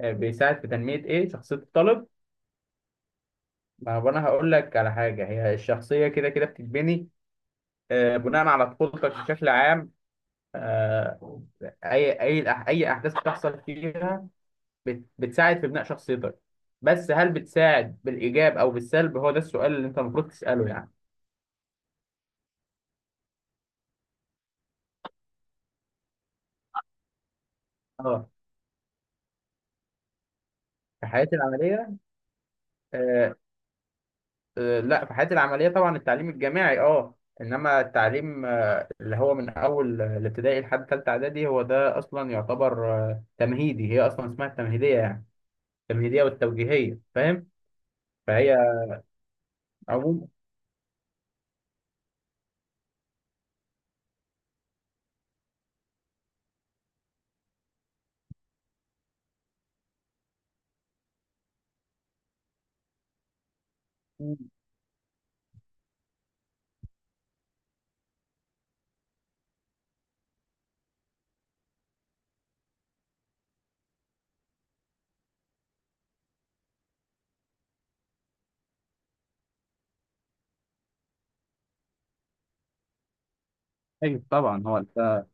بيساعد في تنمية إيه شخصية الطالب. ما هو أنا هقول لك على حاجة، هي الشخصية كده كده بتتبني بناء على طفولتك بشكل عام. آه، أي أحداث بتحصل فيها بتساعد في بناء شخصيتك. بس هل بتساعد بالإيجاب أو بالسلب؟ هو ده السؤال اللي أنت المفروض تسأله يعني. أه. في حياتي العملية. آه، لا، في حياتي العملية طبعا التعليم الجامعي. إنما التعليم اللي هو من اول الابتدائي لحد ثالثه اعدادي هو ده اصلا يعتبر تمهيدي. هي اصلا اسمها التمهيديه يعني. التمهيديه والتوجيهيه، فاهم؟ فهي عموما. ايوه طبعا. هو انت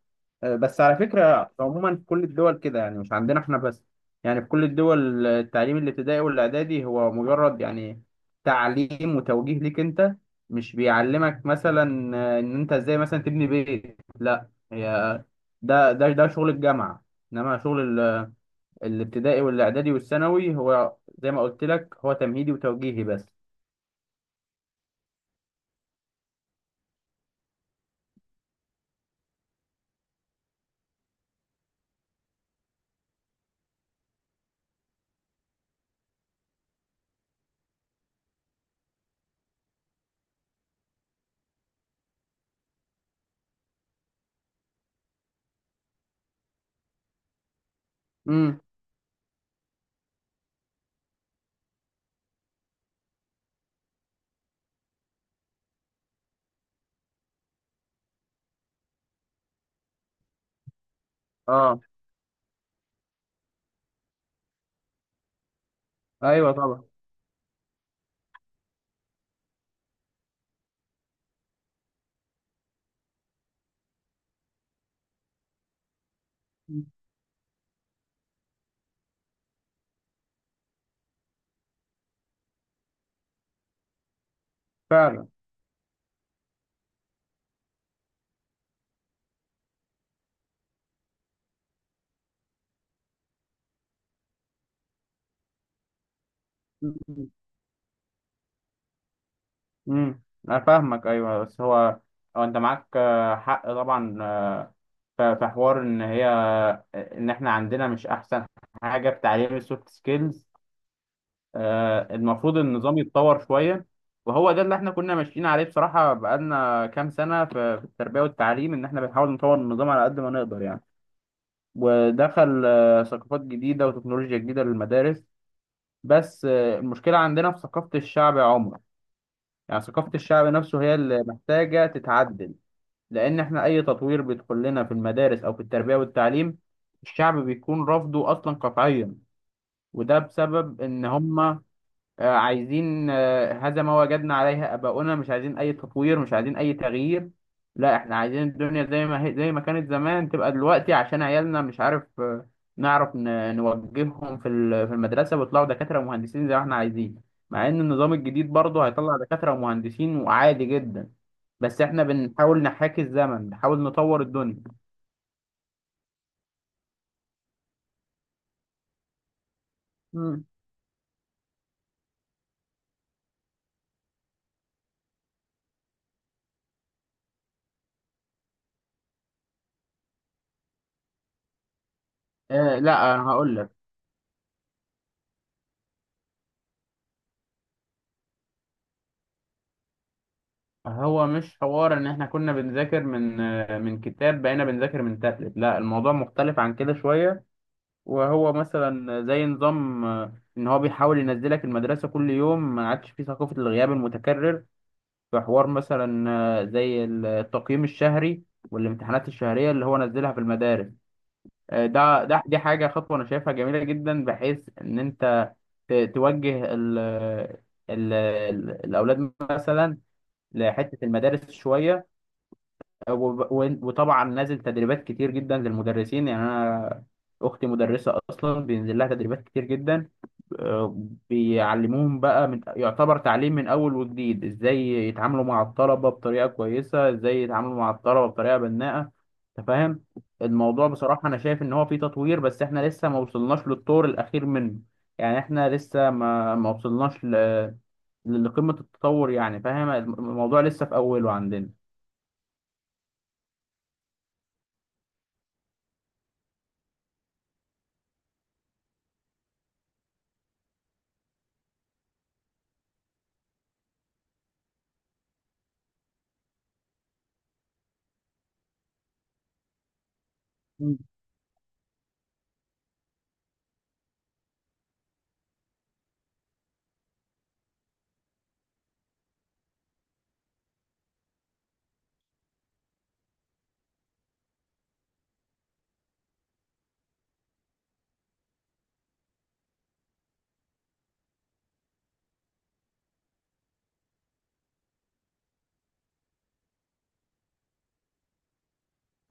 بس على فكره عموما في كل الدول كده، يعني مش عندنا احنا بس. يعني في كل الدول التعليم الابتدائي والاعدادي هو مجرد، يعني، تعليم وتوجيه ليك انت. مش بيعلمك مثلا ان انت ازاي مثلا تبني بيت، لا، هي ده شغل الجامعه. انما شغل الابتدائي والاعدادي والثانوي هو زي ما قلت لك هو تمهيدي وتوجيهي بس. امم. اه. ايوه طبعا. فعلا. امم. انا فاهمك. ايوه، بس هو انت معاك حق طبعا. في حوار ان هي ان احنا عندنا مش احسن حاجه في تعليم السوفت سكيلز. المفروض النظام يتطور شويه. وهو ده اللي احنا كنا ماشيين عليه بصراحه، بقالنا كام سنه في التربيه والتعليم، ان احنا بنحاول نطور النظام على قد ما نقدر يعني. ودخل ثقافات جديدة وتكنولوجيا جديدة للمدارس. بس المشكلة عندنا في ثقافة الشعب، يا عمر. يعني ثقافة الشعب نفسه هي اللي محتاجة تتعدل. لأن احنا أي تطوير بيدخل لنا في المدارس أو في التربية والتعليم، الشعب بيكون رافضه أصلا قطعيا. وده بسبب إن هم عايزين هذا ما وجدنا عليه آباؤنا. مش عايزين أي تطوير، مش عايزين أي تغيير. لا، إحنا عايزين الدنيا زي ما هي، زي ما كانت زمان تبقى دلوقتي عشان عيالنا، مش عارف، نعرف نوجههم في في المدرسة ويطلعوا دكاترة ومهندسين زي ما إحنا عايزين. مع إن النظام الجديد برضه هيطلع دكاترة ومهندسين وعادي جدا. بس إحنا بنحاول نحاكي الزمن، بنحاول نطور الدنيا. مم. لا، هقول لك. هو مش حوار ان احنا كنا بنذاكر من كتاب بقينا بنذاكر من تابلت. لا، الموضوع مختلف عن كده شوية. وهو مثلا زي نظام ان هو بيحاول ينزلك المدرسة كل يوم، ما عادش فيه ثقافة الغياب المتكرر. في حوار مثلا زي التقييم الشهري والامتحانات الشهرية اللي هو نزلها في المدارس. ده ده دي حاجة، خطوة انا شايفها جميلة جدا بحيث ان انت توجه الاولاد مثلا لحتة المدارس شوية. وطبعا نازل تدريبات كتير جدا للمدرسين، يعني انا اختي مدرسه اصلا بينزل لها تدريبات كتير جدا. آه، بيعلموهم بقى من يعتبر تعليم من اول وجديد. ازاي يتعاملوا مع الطلبه بطريقه كويسه، ازاي يتعاملوا مع الطلبه بطريقه بناءه. انت فاهم. الموضوع بصراحه انا شايف ان هو فيه تطوير، بس احنا لسه ما وصلناش للطور الاخير منه. يعني احنا لسه ما وصلناش لقمه التطور، يعني، فاهم؟ الموضوع لسه في اوله عندنا. مم.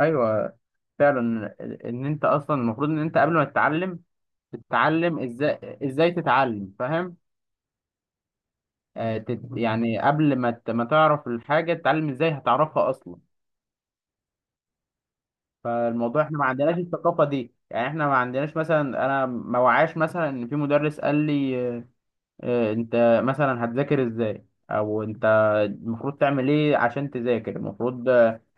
ايوه فعلا. ان انت اصلا المفروض ان انت قبل ما تتعلم، تتعلم ازاي، ازاي تتعلم، فاهم؟ يعني قبل ما تعرف الحاجه تتعلم ازاي، هتعرفها اصلا. فالموضوع احنا ما عندناش الثقافه دي. يعني احنا ما عندناش مثلا، انا ما وعاش مثلا ان في مدرس قال لي انت مثلا هتذاكر ازاي. او انت المفروض تعمل ايه عشان تذاكر. المفروض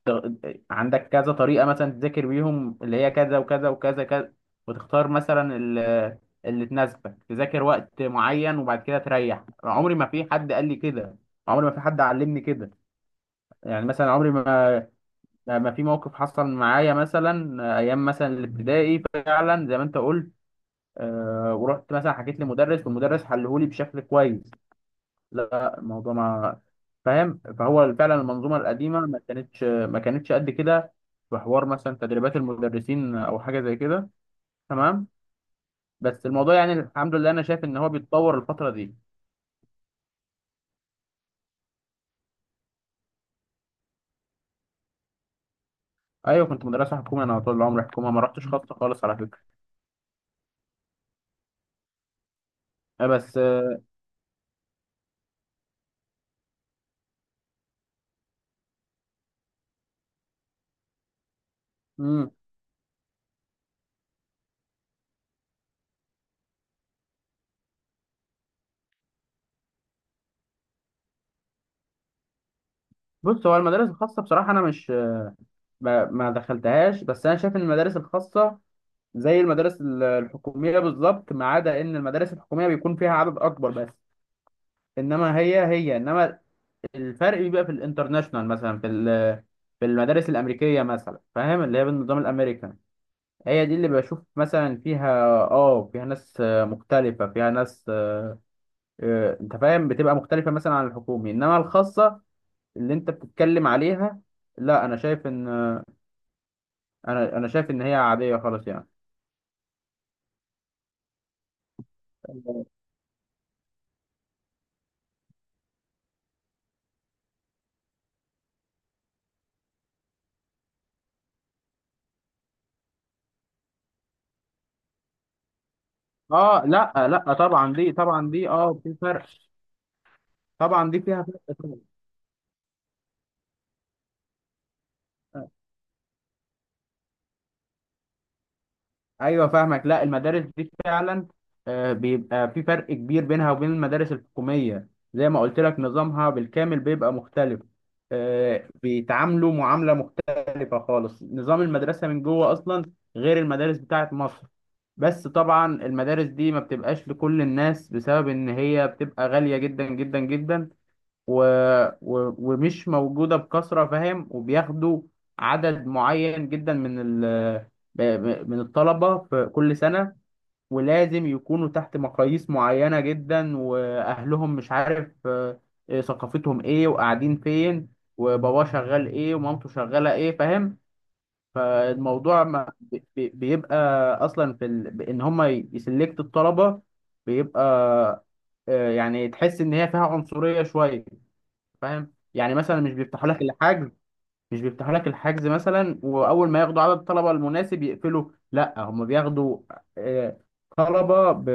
عندك كذا طريقة مثلا تذاكر بيهم، اللي هي كذا وكذا وكذا كذا. وتختار مثلا اللي تناسبك، تذاكر وقت معين وبعد كده تريح. عمري ما في حد قال لي كده. عمري ما في حد علمني كده. يعني مثلا عمري ما في موقف حصل معايا مثلا ايام مثلا الابتدائي، فعلا زي ما انت قلت. ورحت مثلا حكيت لمدرس والمدرس حلهولي بشكل كويس. لا، الموضوع، ما فاهم. فهو فعلا المنظومه القديمه ما كانتش قد كده. في حوار مثلا تدريبات المدرسين او حاجه زي كده. تمام. بس الموضوع، يعني، الحمد لله، انا شايف ان هو بيتطور الفتره دي. ايوه كنت مدرسه حكومه. انا طول العمر حكومه، ما رحتش خاصه خالص على فكره. بس. امم. بص، هو المدارس الخاصه بصراحه انا مش ما دخلتهاش، بس انا شايف ان المدارس الخاصه زي المدارس الحكوميه بالظبط، ما عدا ان المدارس الحكوميه بيكون فيها عدد اكبر بس. انما هي انما الفرق بيبقى في الانترناشونال، مثلا في في المدارس الامريكيه مثلا، فاهم؟ اللي هي بالنظام الامريكان هي دي اللي بشوف مثلا فيها اه، فيها ناس مختلفه، فيها ناس انت فاهم. بتبقى مختلفه مثلا عن الحكومي، انما الخاصه اللي انت بتتكلم عليها، لا، انا شايف ان انا شايف ان هي عاديه خالص يعني. اه لا. لا طبعا دي اه في فرق. طبعا دي فيها فرق طبعا. ايوه فاهمك. لا، المدارس دي فعلا بيبقى في فرق كبير بينها وبين المدارس الحكوميه. زي ما قلت لك، نظامها بالكامل بيبقى مختلف. بيتعاملوا معامله مختلفه خالص. نظام المدرسه من جوه اصلا غير المدارس بتاعه مصر. بس طبعا المدارس دي ما بتبقاش لكل الناس بسبب ان هي بتبقى غاليه جدا جدا جدا. و... ومش موجودة بكثرة، فاهم؟ وبياخدوا عدد معين جدا من من الطلبة في كل سنة. ولازم يكونوا تحت مقاييس معينة جدا، وأهلهم مش عارف، ثقافتهم إيه وقاعدين فين، وباباه شغال إيه ومامته شغالة إيه، فاهم؟ فالموضوع ما بيبقى أصلا في إن هما يسلكت الطلبة. بيبقى يعني تحس إن هي فيها عنصرية شوية، فاهم؟ يعني مثلا مش بيفتحوا لك الحجز. مش بيفتحوا لك الحجز مثلا. واول ما ياخدوا عدد الطلبه المناسب يقفلوا. لا، هم بياخدوا آه، طلبه ب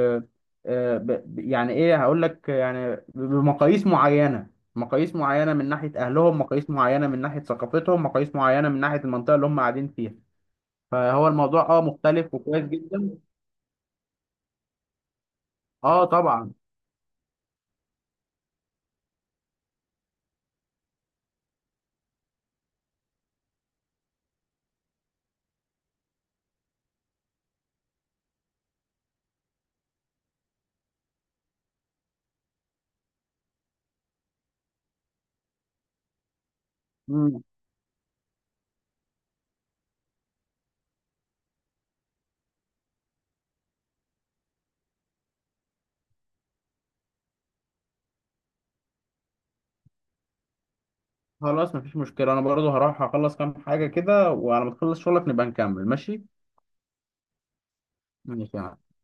آه، ب ب- يعني ايه هقول لك، يعني بمقاييس معينه، مقاييس معينه من ناحيه اهلهم، مقاييس معينه من ناحيه ثقافتهم، مقاييس معينه من ناحيه المنطقه اللي هم قاعدين فيها. فهو الموضوع مختلف وكويس جدا. اه، طبعا. مم. خلاص، مفيش مشكله. انا برضو هروح اخلص كام حاجه كده، وعلى ما تخلص شغلك نبقى نكمل، ماشي. ماشي، يا معلم.